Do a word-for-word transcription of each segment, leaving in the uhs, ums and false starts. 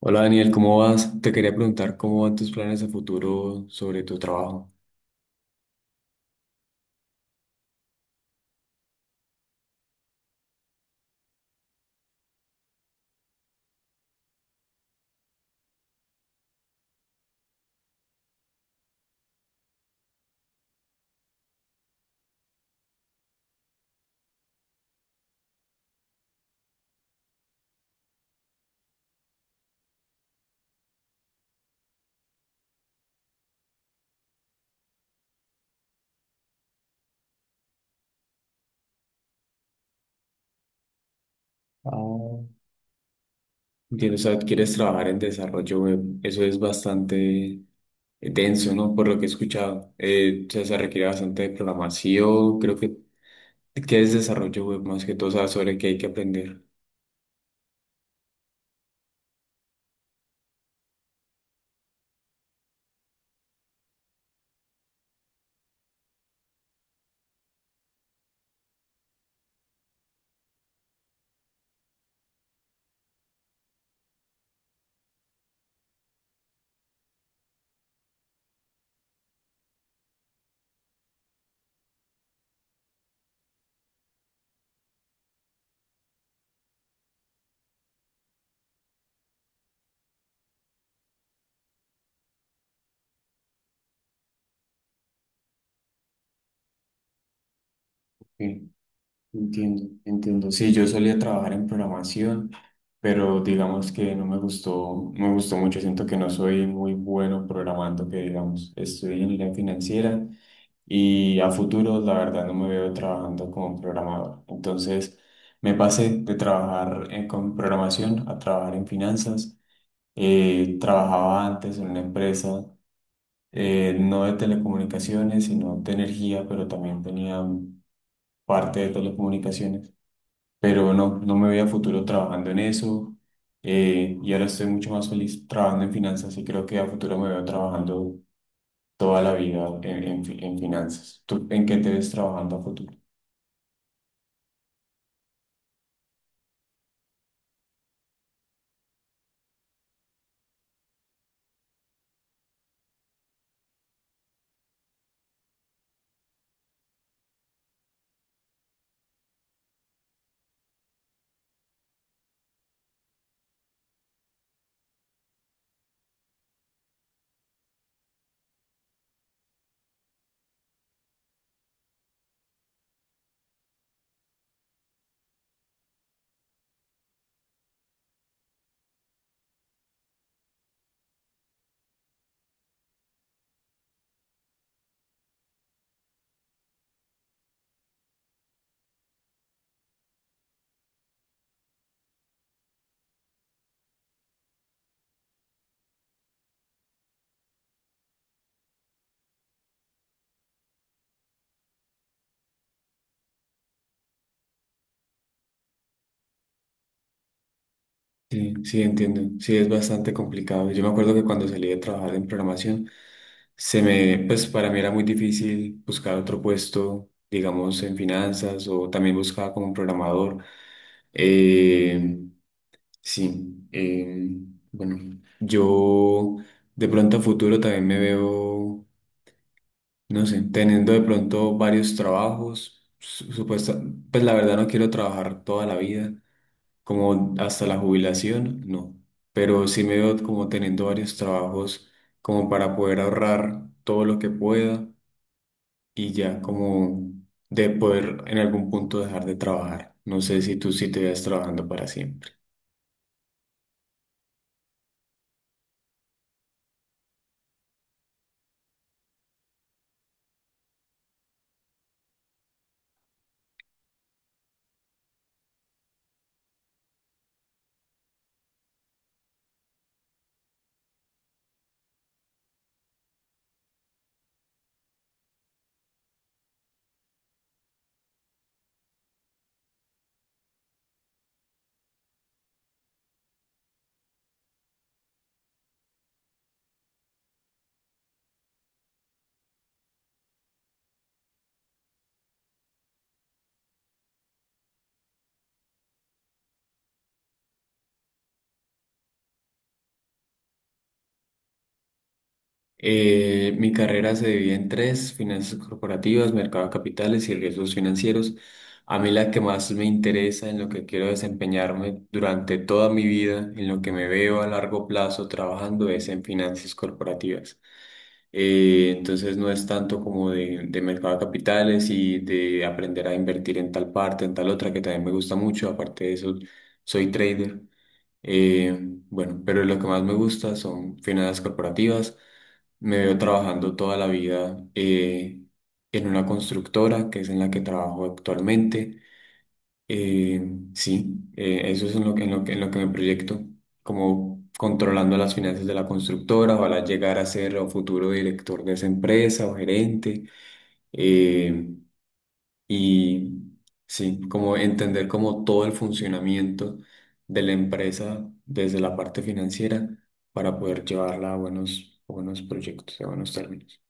Hola Daniel, ¿cómo vas? Te quería preguntar cómo van tus planes a futuro sobre tu trabajo. Ah, Entiendo, o sea, quieres trabajar en desarrollo web. Eso es bastante denso, ¿no? Por lo que he escuchado. Eh, o sea, se requiere bastante de programación. Creo que, que es desarrollo web más que todo, o sea, sobre qué hay que aprender. Sí, entiendo, entiendo. Sí, yo solía trabajar en programación, pero digamos que no me gustó, no me gustó mucho. Siento que no soy muy bueno programando, que digamos, estudié ingeniería financiera. Y a futuro, la verdad, no me veo trabajando como programador. Entonces, me pasé de trabajar eh, con programación a trabajar en finanzas. Eh, trabajaba antes en una empresa, eh, no de telecomunicaciones, sino de energía, pero también tenía parte de telecomunicaciones, pero no, no me veía a futuro trabajando en eso. Eh, y ahora estoy mucho más feliz trabajando en finanzas y creo que a futuro me veo trabajando toda la vida en, en, fi- en finanzas. ¿Tú en qué te ves trabajando a futuro? Sí, sí, entiendo. Sí, es bastante complicado. Yo me acuerdo que cuando salí de trabajar en programación, se me, pues para mí era muy difícil buscar otro puesto, digamos, en finanzas o también buscaba como un programador. Eh, Sí, eh, bueno, yo de pronto a futuro también me veo, no sé, teniendo de pronto varios trabajos, su- supuesta, pues la verdad no quiero trabajar toda la vida, como hasta la jubilación, no, pero sí me veo como teniendo varios trabajos como para poder ahorrar todo lo que pueda y ya como de poder en algún punto dejar de trabajar. No sé si tú sí te veas trabajando para siempre. Eh, mi carrera se divide en tres, finanzas corporativas, mercado de capitales y riesgos financieros. A mí la que más me interesa, en lo que quiero desempeñarme durante toda mi vida, en lo que me veo a largo plazo trabajando, es en finanzas corporativas. Eh, entonces no es tanto como de, de mercado de capitales y de aprender a invertir en tal parte, en tal otra, que también me gusta mucho. Aparte de eso, soy trader. Eh, bueno, pero lo que más me gusta son finanzas corporativas. Me veo trabajando toda la vida eh, en una constructora, que es en la que trabajo actualmente. Eh, sí, eh, Eso es en lo que, en lo que, en lo que me proyecto, como controlando las finanzas de la constructora, ojalá llegar a ser o futuro director de esa empresa o gerente. Eh, y sí, como entender como todo el funcionamiento de la empresa desde la parte financiera para poder llevarla a buenos, a buenos proyectos, a buenos términos.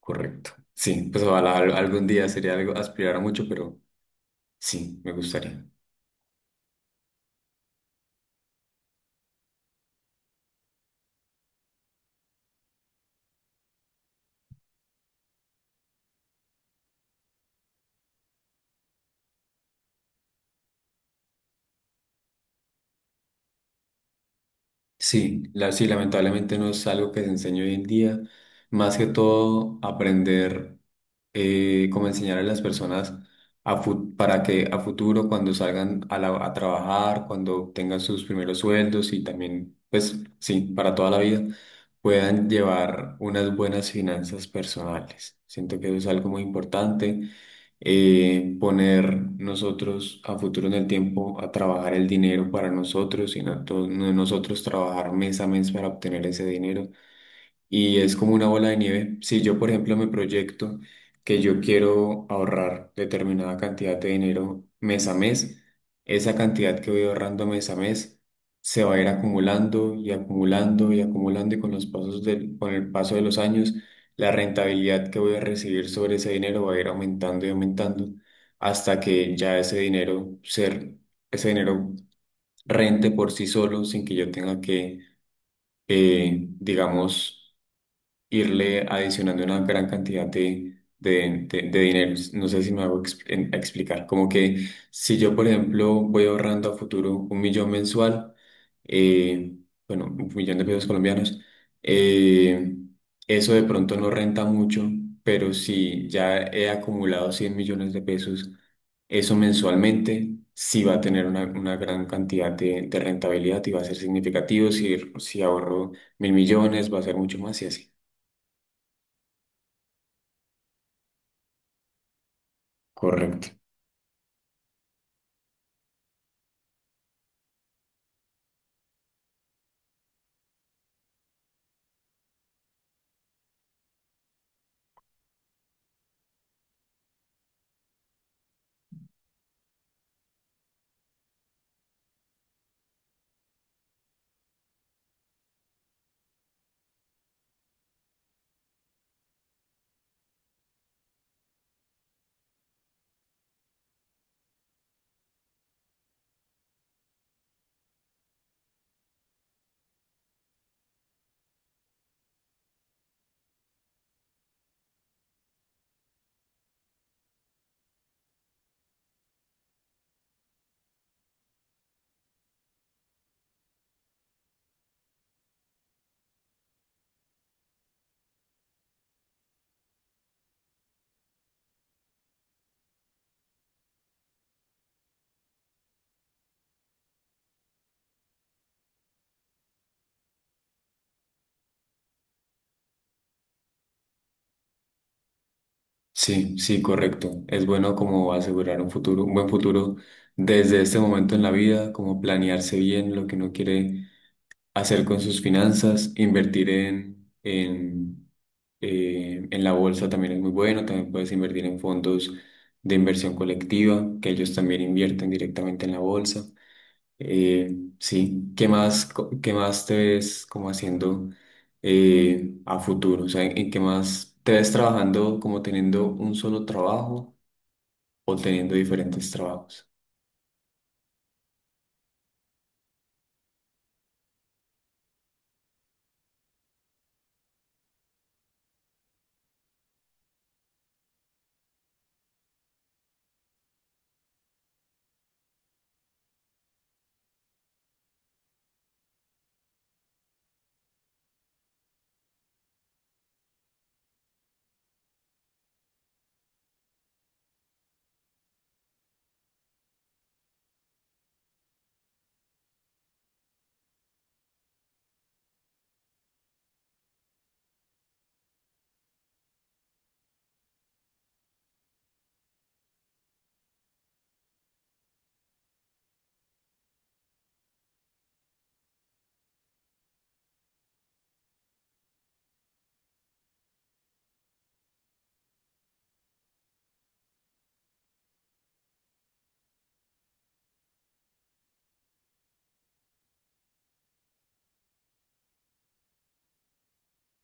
Correcto. Sí, pues ojalá al- algún día sería algo aspirar a mucho, pero sí, me gustaría. Sí, la, sí, lamentablemente no es algo que se enseñe hoy en día. Más que todo, aprender eh, cómo enseñar a las personas a fu- para que a futuro, cuando salgan a, la- a trabajar, cuando tengan sus primeros sueldos y también, pues sí, para toda la vida, puedan llevar unas buenas finanzas personales. Siento que eso es algo muy importante, eh, poner nosotros a futuro en el tiempo a trabajar el dinero para nosotros, sino a todos no- nosotros trabajar mes a mes para obtener ese dinero, y es como una bola de nieve. Si yo, por ejemplo, me proyecto que yo quiero ahorrar determinada cantidad de dinero mes a mes, esa cantidad que voy ahorrando mes a mes se va a ir acumulando y acumulando y acumulando, y con los pasos del, con el paso de los años, la rentabilidad que voy a recibir sobre ese dinero va a ir aumentando y aumentando hasta que ya ese dinero ser, ese dinero rente por sí solo sin que yo tenga que, eh, digamos, irle adicionando una gran cantidad de, de, de- de dinero. No sé si me hago exp- en- explicar. Como que si yo, por ejemplo, voy ahorrando a futuro un millón mensual, eh, bueno, un millón de pesos colombianos, eh, eso de pronto no renta mucho, pero si ya he acumulado cien millones de pesos, eso mensualmente sí va a tener una, una gran cantidad de, de rentabilidad y va a ser significativo. Si, si ahorro mil millones, va a ser mucho más y así. Correcto. Sí, sí, correcto. Es bueno como asegurar un futuro, un buen futuro desde este momento en la vida, como planearse bien lo que uno quiere hacer con sus finanzas, invertir en, en, eh, en la bolsa también es muy bueno, también puedes invertir en fondos de inversión colectiva, que ellos también invierten directamente en la bolsa. Eh, sí, ¿qué más, co- qué más te ves como haciendo, eh, a futuro? O sea, ¿en, en qué más te ves trabajando como teniendo un solo trabajo o teniendo diferentes trabajos?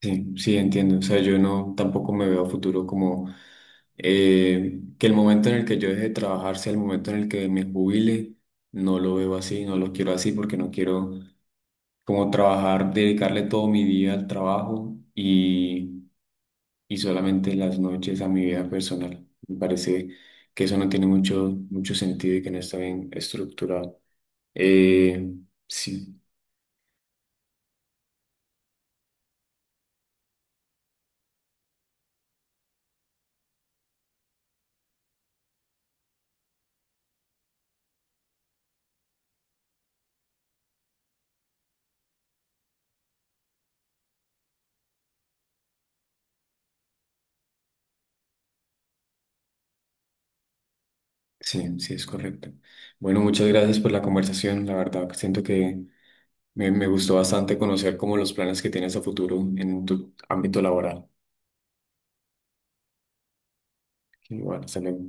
Sí, sí, entiendo. O sea, yo no tampoco me veo a futuro como, eh, que el momento en el que yo deje de trabajar sea el momento en el que me jubile. No lo veo así, no lo quiero así porque no quiero como trabajar, dedicarle todo mi día al trabajo y y solamente en las noches a mi vida personal. Me parece que eso no tiene mucho, mucho sentido y que no está bien estructurado. Eh, sí, sí, sí, es correcto. Bueno, muchas gracias por la conversación. La verdad, que siento que me, me gustó bastante conocer como los planes que tienes a futuro en tu ámbito laboral. Igual bueno, hasta luego.